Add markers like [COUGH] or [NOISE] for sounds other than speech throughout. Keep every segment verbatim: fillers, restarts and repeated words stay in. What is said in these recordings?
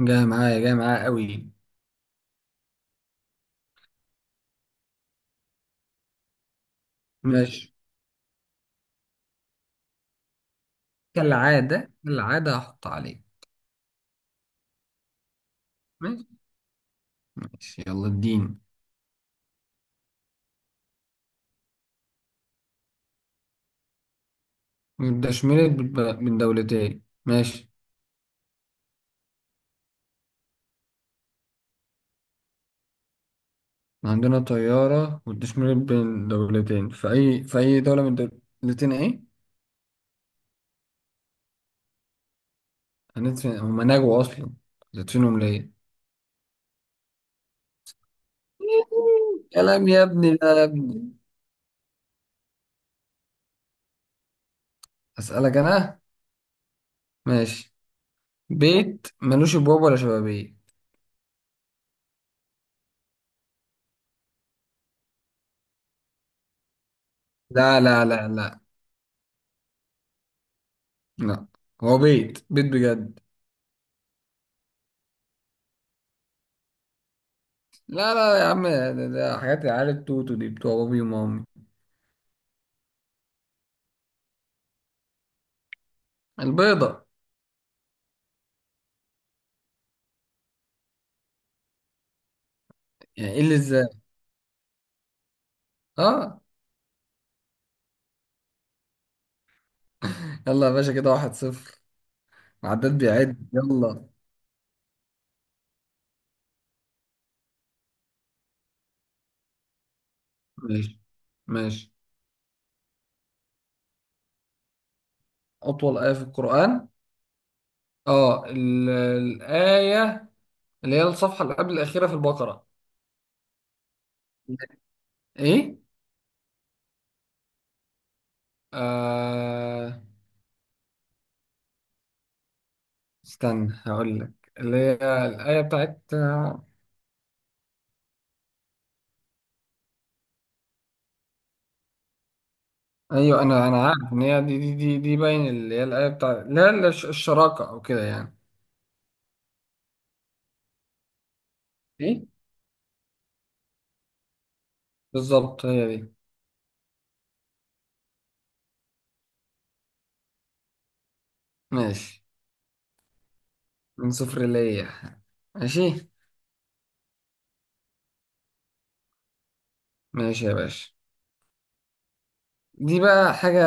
جاي معايا، جاي معايا قوي. ماشي. كالعادة العادة هحط عليه. ماشي. ماشي، يلا الدين. والتشميرة بين دولتين. ماشي. عندنا طيارة والتشميرة بين دولتين، في أي في أي دولة من الدولتين إيه؟ هندفن؟ هما نجوا أصلا، هتدفنهم ليه؟ كلام يا ابني ده، يا ابني. أسألك أنا؟ ماشي. بيت ملوش أبواب ولا شبابيك. لا لا لا لا لا. هو بيت، بيت بجد. لا لا يا عم، ده, ده حاجات العيال التوتو دي، بتوع بابي ومامي. البيضة. يعني ايه اللي ازاي؟ اه. يلا يا باشا، كده واحد صفر. العداد بيعد يلا. ماشي. ماشي. أطول آية في القرآن؟ اه ال- الآية اللي هي الصفحة اللي قبل الأخيرة في البقرة. ايه. آه. استنى، هقول لك. اللي هي الآية بتاعت آه، ايوه انا انا عارف ان هي دي، دي دي, دي باين اللي هي الآية بتاعت، لا لا الش- الشراكة او كده يعني. ايه بالظبط، هي دي. ماشي. من صفر ليا. ماشي. ماشي يا باشا. دي بقى حاجة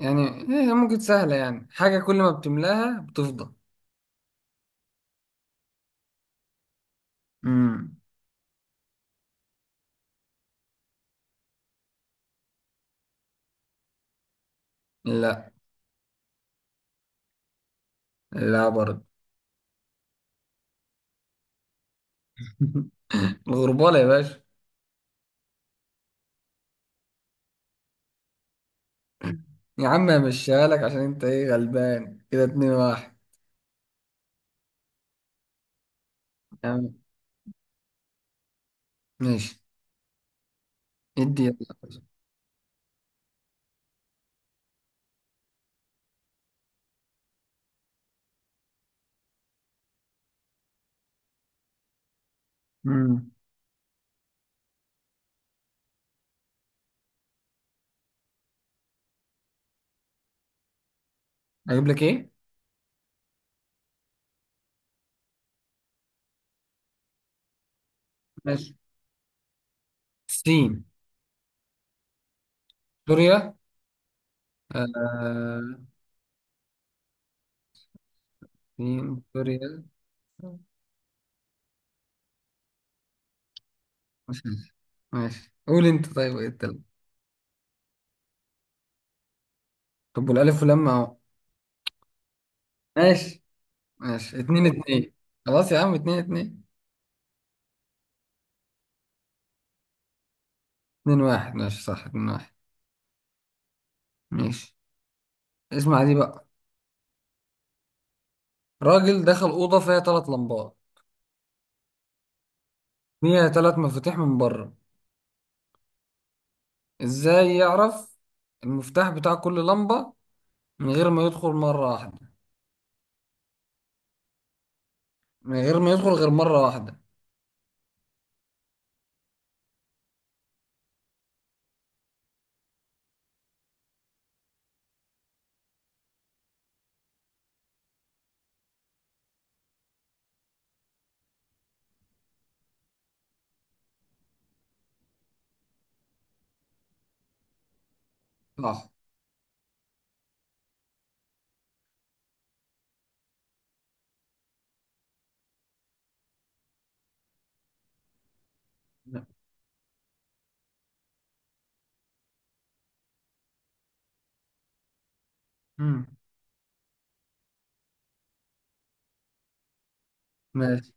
يعني. إيه هي؟ ممكن سهلة يعني. حاجة كل ما بتملاها بتفضى. امم لا. لا برضه. [LAUGHS] الغربالة يا باشا. يا عم همشيها لك عشان انت ايه، غلبان كده، اتنين واحد. يا عم. ماشي. ادي يلا. امم اجيب لك ايه؟ ماشي. سين سوريا. آه. سين سوريا. ماشي. ماشي قول انت. طيب ايه التالت؟ طب والألف واللام أهو. ماشي. ماشي اتنين اتنين. خلاص يا عم اتنين اتنين. اتنين واحد، ماشي صح، اتنين واحد. ماشي. اسمع دي بقى. راجل دخل أوضة فيها تلات لمبات. فيها تلات مفاتيح من بره. ازاي يعرف المفتاح بتاع كل لمبة من غير ما يدخل مرة واحدة؟ من غير ما يدخل غير مرة واحدة. صح. مم. ماشي.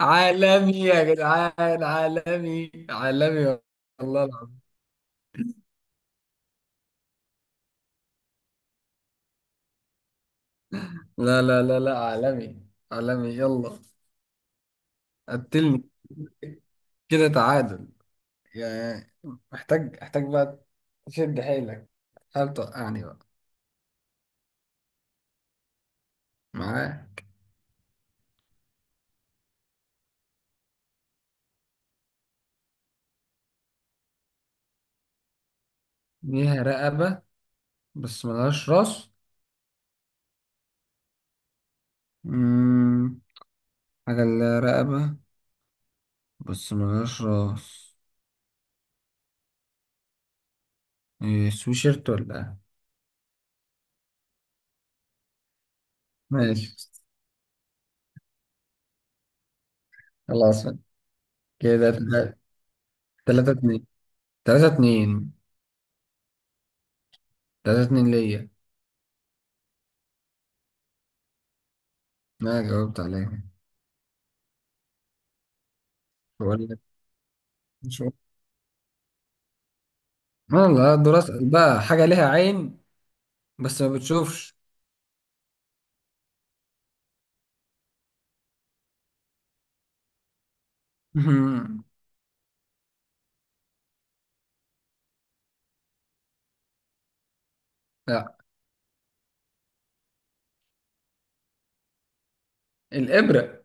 عالمي يا جدعان، عالمي عالمي. والله العظيم. لا لا لا لا، عالمي. عالمي يلا. قتلني. كده تعادل يعني. محتاج، محتاج بقى تشد حيلك. هل توقعني بقى؟ معاه. ليها رقبة بس ملهاش راس. مم. حاجة اللي لها رقبة بس ملهاش راس. إيه، سويشيرت ولا إيه؟ ماشي. خلاص. كده تلا- تلاتة اتنين، تلاتة اتنين، تلاتة اتنين ليا. أنا جاوبت عليها. بقول لك. مش أنا اللي هقدر أسأل بقى. حاجة ليها عين بس ما بتشوفش. [LAUGHS] لا. الإبرة.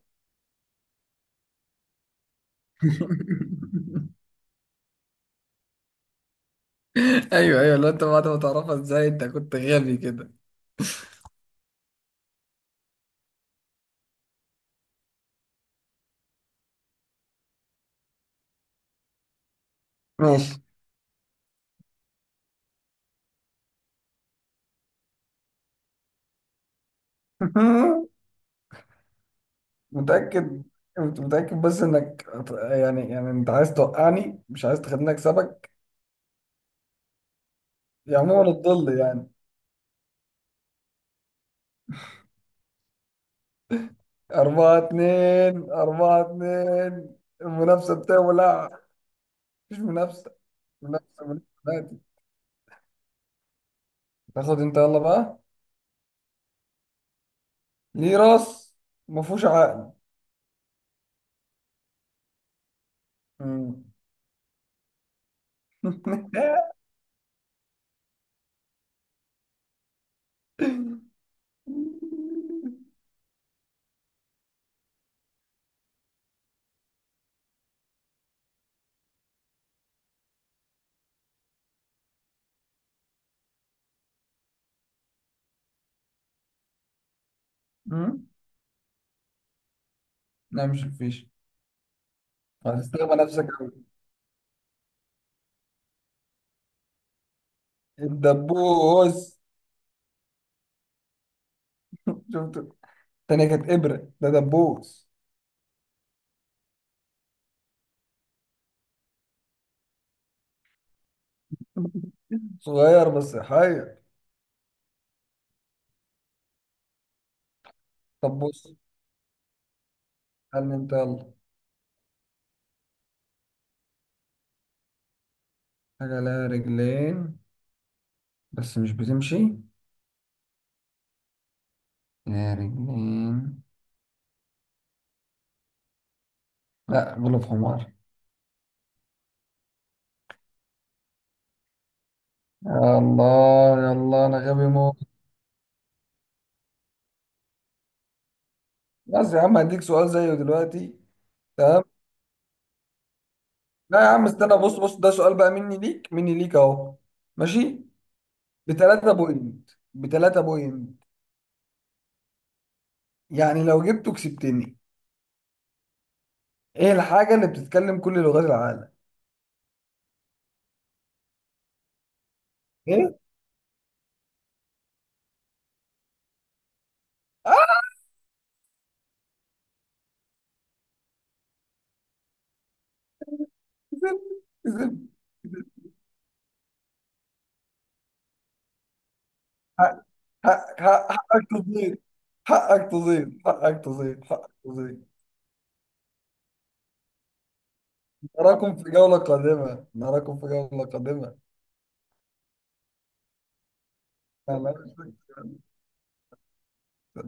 [LAUGHS] ايوه ايوه، لو انت بعد ما تعرفها ازاي انت كنت غبي كده. ماشي. [LAUGHS] متأكد؟ انت متأكد بس انك هت- يعني يعني انت عايز توقعني، مش عايز تخليني اكسبك. يا عموما الظل يعني. أربعة اتنين، أربعة اتنين. المنافسة بتولع. مفيش منافسة، منافسة منافسة دلوقتي. تاخد انت يلا بقى. ليه راس مفهوش عقل؟ مم. [LAUGHS] مم. لا، مش مفيش. هتستغبى نفسك أوي. الدبوس. شفت؟ التانية كانت إبرة، ده دبوس. صغير بس حي. طب بص. قال لي انت، يلا. حاجة لها رجلين بس مش بتمشي. يا رجلين. لا، غلب حمار. يا الله، يلا انا غبي موت. بس يا عم هديك سؤال زيه دلوقتي. تمام. لا يا عم استنى، بص بص، ده سؤال بقى، مني ليك، مني ليك اهو. ماشي. بتلاتة بوينت، بتلاتة بوينت. يعني لو جبته كسبتني. ايه الحاجة اللي بتتكلم كل لغات العالم؟ ايه؟ اه. زب. زب. زب. حق- حق- حق- حقك تزيد، حقك تزيد، حقك تزيد، حقك تزيد. نراكم في جولة قادمة، نراكم في جولة قادمة. أنا مش فاكر.